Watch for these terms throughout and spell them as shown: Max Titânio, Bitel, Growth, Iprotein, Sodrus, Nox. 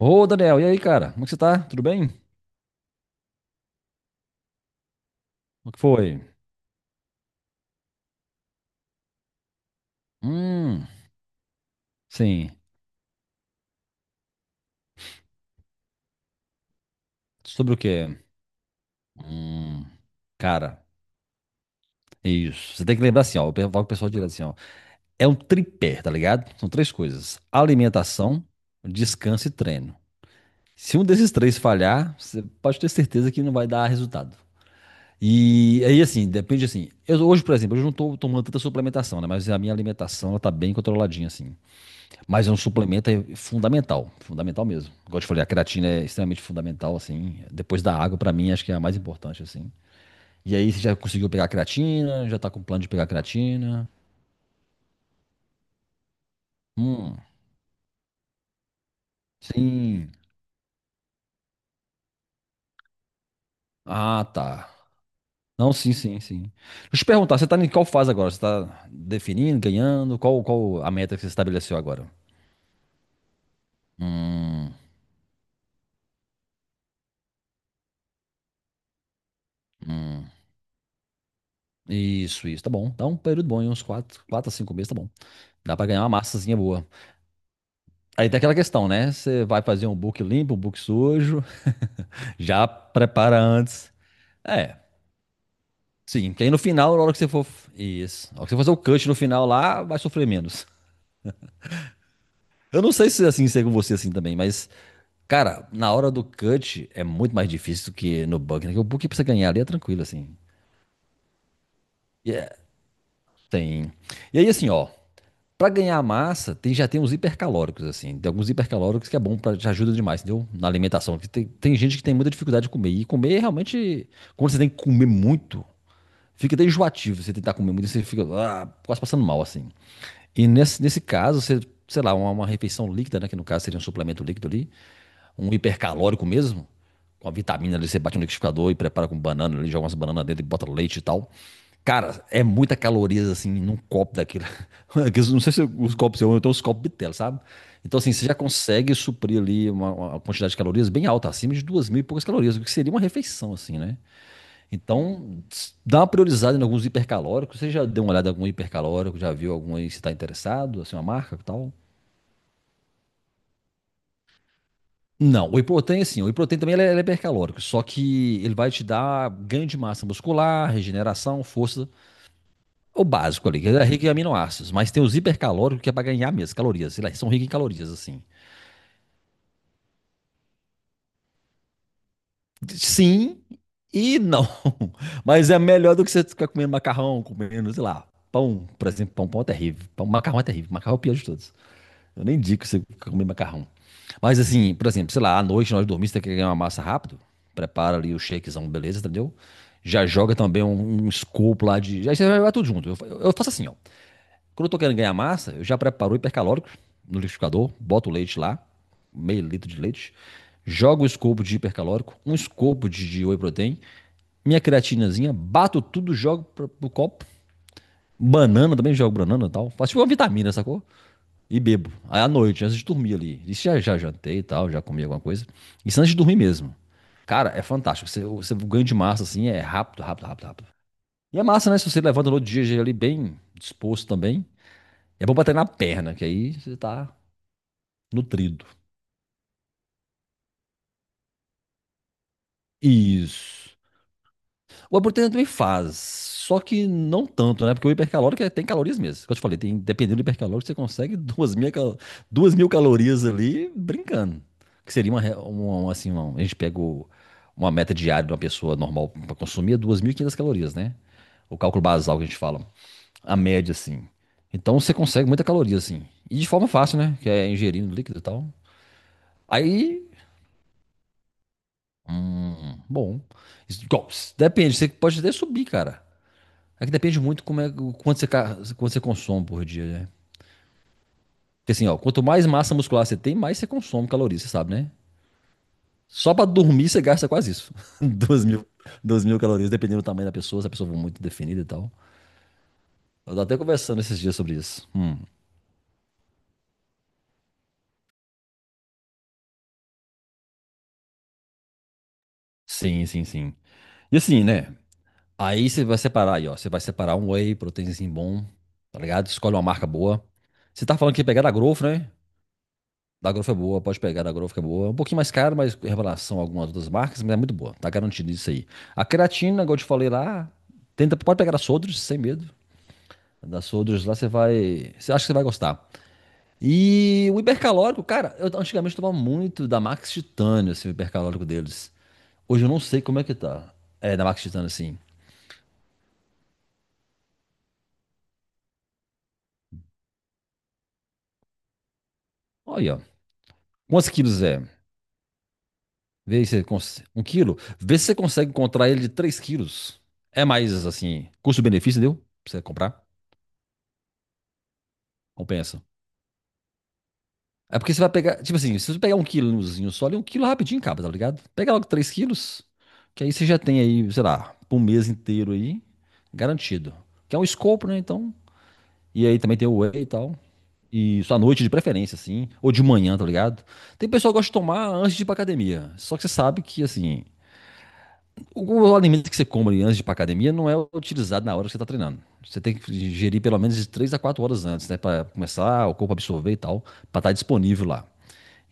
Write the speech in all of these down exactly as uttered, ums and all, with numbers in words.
Ô, Daniel, e aí, cara? Como é que você tá? Tudo bem? O que foi? Hum, sim. Sobre o quê? Hum, cara, é isso. Você tem que lembrar assim, ó. Eu falo com o pessoal direto assim, ó. É um tripé, tá ligado? São três coisas: alimentação, descanso e treino. Se um desses três falhar, você pode ter certeza que não vai dar resultado. E aí, assim, depende assim. Eu, hoje, por exemplo, eu não tô tomando tanta suplementação, né? Mas a minha alimentação, ela tá bem controladinha, assim. Mas é um suplemento é fundamental, fundamental mesmo. Igual eu te falei, a creatina é extremamente fundamental, assim. Depois da água, pra mim, acho que é a mais importante, assim. E aí, você já conseguiu pegar a creatina? Já tá com plano de pegar a creatina? Hum, sim. Ah, tá. Não, sim, sim, sim. Deixa eu te perguntar, você tá em qual fase agora? Você tá definindo, ganhando? Qual, qual a meta que você estabeleceu agora? Hum, hum. Isso, isso, tá bom. Dá um período bom, hein? Uns quatro, quatro a cinco meses, tá bom. Dá pra ganhar uma massazinha boa. Aí tem aquela questão, né? Você vai fazer um book limpo, um book sujo, já prepara antes. É, sim. Que aí no final, na hora que você for. Isso. Na hora que você fazer o cut no final lá, vai sofrer menos. Eu não sei se é assim ser com você assim também, mas. Cara, na hora do cut é muito mais difícil do que no book, né? Porque o book pra você ganhar ali é tranquilo, assim. E é, tem. E aí, assim, ó. Pra ganhar massa, tem, já tem uns hipercalóricos, assim. Tem alguns hipercalóricos que é bom, pra, te ajuda demais, entendeu? Na alimentação. Que tem, tem gente que tem muita dificuldade de comer. E comer é realmente, quando você tem que comer muito, fica até enjoativo. Você tentar comer muito, você fica ah, quase passando mal, assim. E nesse, nesse caso, você, sei lá, uma, uma refeição líquida, né, que no caso seria um suplemento líquido ali, um hipercalórico mesmo, com a vitamina ali, você bate no liquidificador e prepara com banana ali, joga umas bananas dentro e bota leite e tal. Cara, é muita calorias assim num copo daquilo. Não sei se os copos são, eu tenho os copos Bitel, sabe? Então, assim, você já consegue suprir ali uma, uma quantidade de calorias bem alta, acima de duas mil e poucas calorias, o que seria uma refeição, assim, né? Então, dá uma priorizada em alguns hipercalóricos. Você já deu uma olhada em algum hipercalórico? Já viu algum aí se está interessado? Assim, uma marca e tal? Não, o Iprotein, assim, o Iprotein também ele é, ele é hipercalórico, só que ele vai te dar ganho de massa muscular, regeneração, força, o básico ali, que é rico em aminoácidos, mas tem os hipercalóricos que é para ganhar mesmo, calorias, eles são ricos em calorias, assim. Sim e não, mas é melhor do que você ficar comendo macarrão, comendo, sei lá, pão, por exemplo, pão, pão é terrível, pão, macarrão é terrível, macarrão é o pior de todos. Eu nem digo que você comer macarrão. Mas assim, por exemplo, sei lá, à noite nós dormimos, você quer ganhar uma massa rápido, prepara ali o shakezão, beleza, entendeu? Já joga também um, um scoop lá de. Aí você vai jogar tudo junto. Eu, fa- eu faço assim, ó. Quando eu tô querendo ganhar massa, eu já preparo o hipercalórico no liquidificador, boto o leite lá, meio litro de leite, jogo o scoop de hipercalórico, um scoop de, de whey protein, minha creatinazinha, bato tudo, jogo pro, pro copo. Banana também, jogo banana e tal. Faço tipo uma vitamina, sacou? E bebo. Aí à noite, antes de dormir ali. Isso já, já jantei e tal, já comi alguma coisa. Isso antes de dormir mesmo. Cara, é fantástico. Você, você o ganho de massa, assim, é rápido, rápido, rápido, rápido. E é massa, né? Se você levanta no outro dia já é ali bem disposto também. É bom bater na perna, que aí você tá nutrido. Isso. O Aburetana também faz, só que não tanto, né? Porque o hipercalórico é- tem calorias mesmo. Como eu te falei, tem, dependendo do hipercalórico, você consegue duas mil, cal- duas mil calorias ali brincando. Que seria uma, re- um- um, assim, um- a gente pega o- uma meta diária de uma pessoa normal para consumir é duas mil e quinhentas calorias, né? O cálculo basal que a gente fala, a média, assim. Então você consegue muita caloria, assim. E de forma fácil, né? Que é ingerindo líquido e tal. Aí, hum, bom. Isso- igual, Depende, você pode até subir, cara. É que depende muito como é, quanto, você, ca- quanto você consome por dia, né? Porque assim, ó, quanto mais massa muscular você tem, mais você consome calorias, você sabe, né? Só pra dormir você gasta quase isso. Duas mil, duas mil calorias, dependendo do tamanho da pessoa, se a pessoa for muito definida e tal. Eu tô até conversando esses dias sobre isso. Hum, sim, sim, sim. E assim, né? Aí você vai separar aí, ó. Você vai separar um whey, proteinzinho bom, tá ligado? Escolhe uma marca boa. Você tá falando que ia pegar da Growth, né? Da Growth é boa, pode pegar da Growth que é boa. É um pouquinho mais caro, mas em relação a algumas outras marcas, mas é muito boa. Tá garantido isso aí. A creatina, igual eu te falei lá, tenta, pode pegar a Sodrus, sem medo. Da Sodrus lá você vai. Você acha que você vai gostar. E o hipercalórico, cara, eu antigamente tomava muito da Max Titânio, assim, o hipercalórico deles. Hoje eu não sei como é que tá. É, da Max Titânio, assim. Olha, ó. Quantos quilos é? Vê se você cons... Um quilo? Vê se você consegue encontrar ele de três quilos. É mais, assim, custo-benefício, deu? Pra você comprar? Compensa. É porque você vai pegar, tipo assim, se você pegar um quilozinho só, ali um quilo rapidinho acaba, tá ligado? Pega logo três quilos, que aí você já tem aí, sei lá, por um mês inteiro aí, garantido. Que é um escopo, né? Então, e aí também tem o whey e tal. E só à noite de preferência, assim, ou de manhã, tá ligado? Tem pessoal que gosta de tomar antes de ir pra academia. Só que você sabe que, assim, o, o alimento que você come ali antes de ir pra academia não é utilizado na hora que você tá treinando. Você tem que ingerir pelo menos de três a quatro horas antes, né? Pra começar o corpo a absorver e tal, pra estar disponível lá.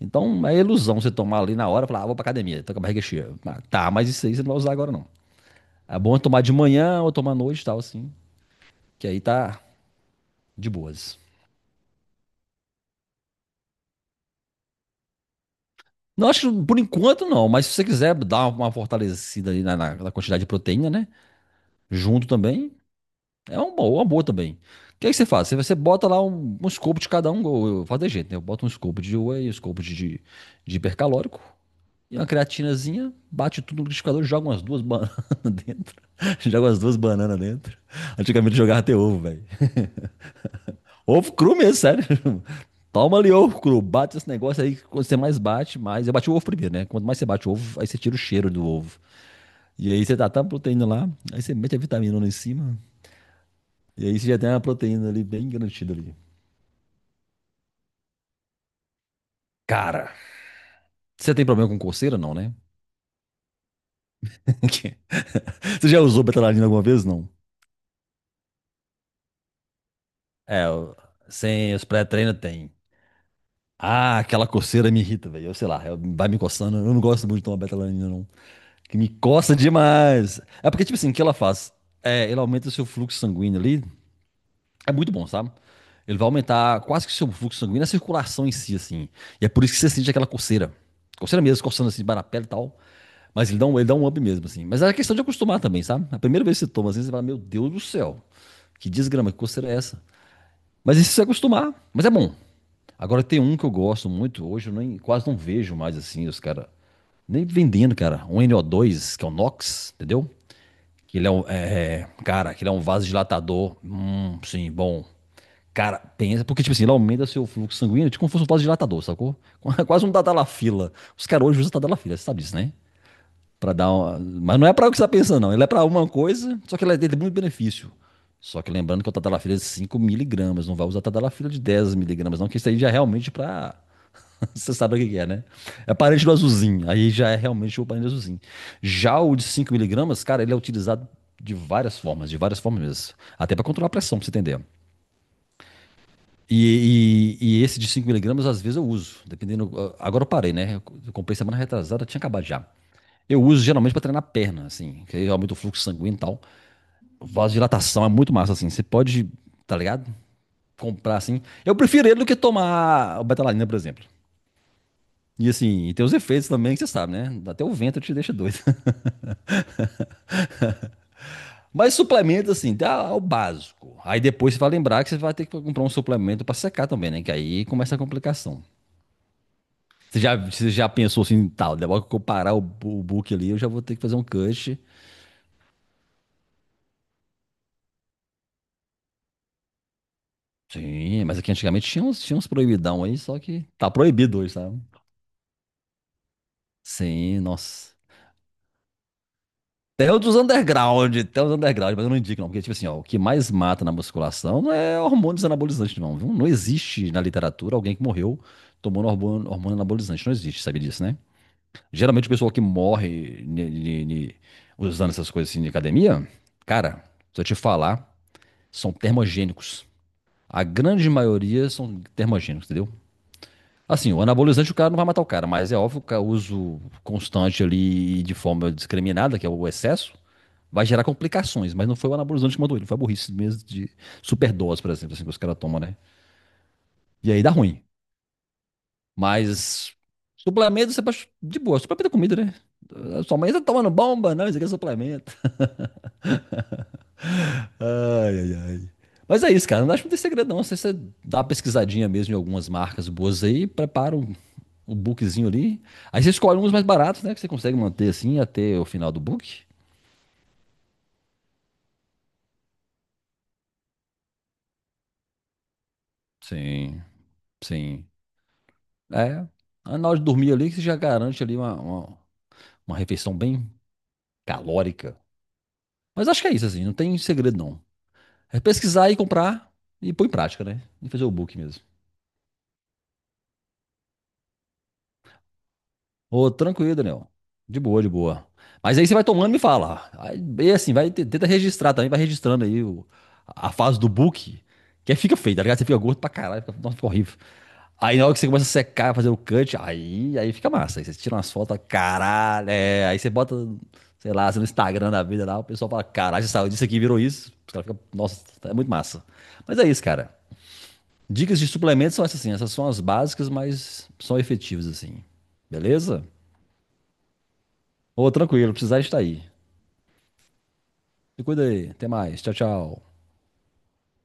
Então é ilusão você tomar ali na hora e falar, ah, vou pra academia, tô com a barriga cheia. Ah, tá, mas isso aí você não vai usar agora não. É bom é tomar de manhã ou tomar à noite e tal, assim, que aí tá de boas. Não, acho que por enquanto não, mas se você quiser dar uma fortalecida ali na, na- na quantidade de proteína, né? Junto também, é uma boa, uma boa também. O que aí você faz? Você, você bota lá um, um scoop de cada um, eu, eu faço de jeito, né? Eu boto um scoop de whey, um scoop de, de, de hipercalórico, e uma creatinazinha, bate tudo no liquidificador, joga umas duas bananas dentro. Joga umas duas bananas dentro. Antigamente jogava até ovo, velho. Ovo cru mesmo, sério. Toma ali ovo cru, bate esse negócio aí, quando você mais bate, mais. Eu bati o ovo primeiro, né? Quanto mais você bate o ovo, aí você tira o cheiro do ovo. E aí você tá tá a proteína lá, aí você mete a vitamina lá em cima, e aí você já tem uma proteína ali bem garantida ali. Cara, você tem problema com coceira, não, né? Você já usou betalanina alguma vez, não? É, sem os pré-treinos tem. Ah, aquela coceira me irrita, velho. Eu sei lá, eu- vai me coçando. Eu não gosto muito de tomar betalanina, não. Que me coça demais. É porque, tipo assim, o que ela faz? É, ela aumenta o seu fluxo sanguíneo ali. É muito bom, sabe? Ele vai aumentar quase que o seu fluxo sanguíneo, a circulação em si, assim. E é por isso que você sente aquela coceira. Coceira mesmo, coçando assim, debaixo da pele e tal. Mas ele dá, um, ele dá um up mesmo, assim. Mas é questão de acostumar também, sabe? A primeira vez que você toma, assim, você fala, meu Deus do céu, que desgrama, que coceira é essa? Mas isso você acostumar, mas é bom. Agora tem um que eu gosto muito, hoje eu nem, quase não vejo mais assim os caras. Nem vendendo, cara. Um no dois que é o Nox, entendeu? Que ele é um. É, é, Cara, que ele é um vasodilatador. Hum, sim, bom. Cara, pensa. Porque, tipo assim, ele aumenta seu fluxo sanguíneo, tipo como se fosse um vasodilatador, sacou? Quase um tadalafila. Os caras hoje usam tadalafila, você sabe disso, né? Pra dar uma... Mas não é pra o que você tá pensando, não. Ele é pra uma coisa, só que ele é- Ele tem muito benefício. Só que lembrando que o tadalafila é de cinco miligramas, não vai usar tadalafila de dez miligramas, não, que isso aí já é realmente pra você sabe o que que é, né? É parente do azulzinho. Aí já é realmente o parente do azulzinho. Já o de cinco miligramas, cara, ele é utilizado de várias formas, de várias formas mesmo. Até para controlar a pressão, pra você entender. E, e- e esse de cinco miligramas, às vezes eu uso, dependendo. Agora eu parei, né? Eu comprei semana retrasada, tinha acabado já. Eu uso geralmente para treinar a perna, assim, que aí aumenta o fluxo sanguíneo e tal. Vasodilatação é muito massa, assim. Você pode, tá ligado? Comprar assim. Eu prefiro ele do que tomar o betalanina, por exemplo. E assim, e tem os efeitos também que você sabe, né? Até o vento te deixa doido. Mas suplemento, assim, dá o básico. Aí depois você vai lembrar que você vai ter que comprar um suplemento para secar também, né? Que aí começa a complicação. Você já, você já pensou assim, tal, depois que eu parar o, bu- o book ali, eu já vou ter que fazer um cut. Sim, mas aqui antigamente tinha uns, tinha uns proibidão aí, só que tá proibido hoje, sabe? Sim, nossa. Tem o dos underground, tem os underground, mas eu não indico não, porque tipo assim, ó, o que mais mata na musculação não é hormônios anabolizantes não, viu? Não existe na literatura alguém que morreu tomando hormônio, hormônio anabolizante, não existe, sabe disso, né? Geralmente o pessoal que morre ne- ne- ne- usando essas coisas assim de academia, cara, se eu te falar, são termogênicos. A grande maioria são termogênicos, entendeu? Assim, o anabolizante o cara não vai matar o cara, mas é óbvio que o uso constante ali e de forma discriminada, que é o excesso, vai gerar complicações, mas não foi o anabolizante que mandou ele, foi a burrice mesmo de superdose, por exemplo, assim, que os caras tomam, né? E aí dá ruim. Mas suplemento você pode. De boa, suplemento é comida, né? A sua mãe tá tomando bomba, não, isso aqui é suplemento. Ai, ai, ai. Mas é isso, cara. Não acho que não tem segredo, não. Você, você dá uma pesquisadinha mesmo em algumas marcas boas aí, prepara um, um bookzinho ali. Aí você escolhe uns mais baratos, né? Que você consegue manter assim até o final do book. Sim, sim. É. Aí na hora de dormir ali, que você já garante ali uma, uma- uma refeição bem calórica. Mas acho que é isso, assim. Não tem segredo, não. É pesquisar e comprar e pôr em prática, né? E fazer o book mesmo. Ô, tranquilo, Daniel. De boa, de boa. Mas aí você vai tomando e me fala. Aí, e assim, vai, te- tenta registrar também, vai registrando aí o- a fase do book, que aí fica feio, tá ligado? Você fica gordo pra caralho, fica, nossa, fica horrível. Aí na hora que você começa a secar, fazer o cut, aí, aí fica massa. Aí você tira umas fotos, caralho, é. Aí você bota, sei lá, você no Instagram da vida lá, o pessoal fala, caralho, você saiu disso aqui, e virou isso. Os caras ficam, nossa, é muito massa. Mas é isso, cara. Dicas de suplementos são essas assim, essas são as básicas, mas são efetivas assim. Beleza? Ô, tranquilo, precisar estar aí. Se cuida aí. Até mais. Tchau, tchau.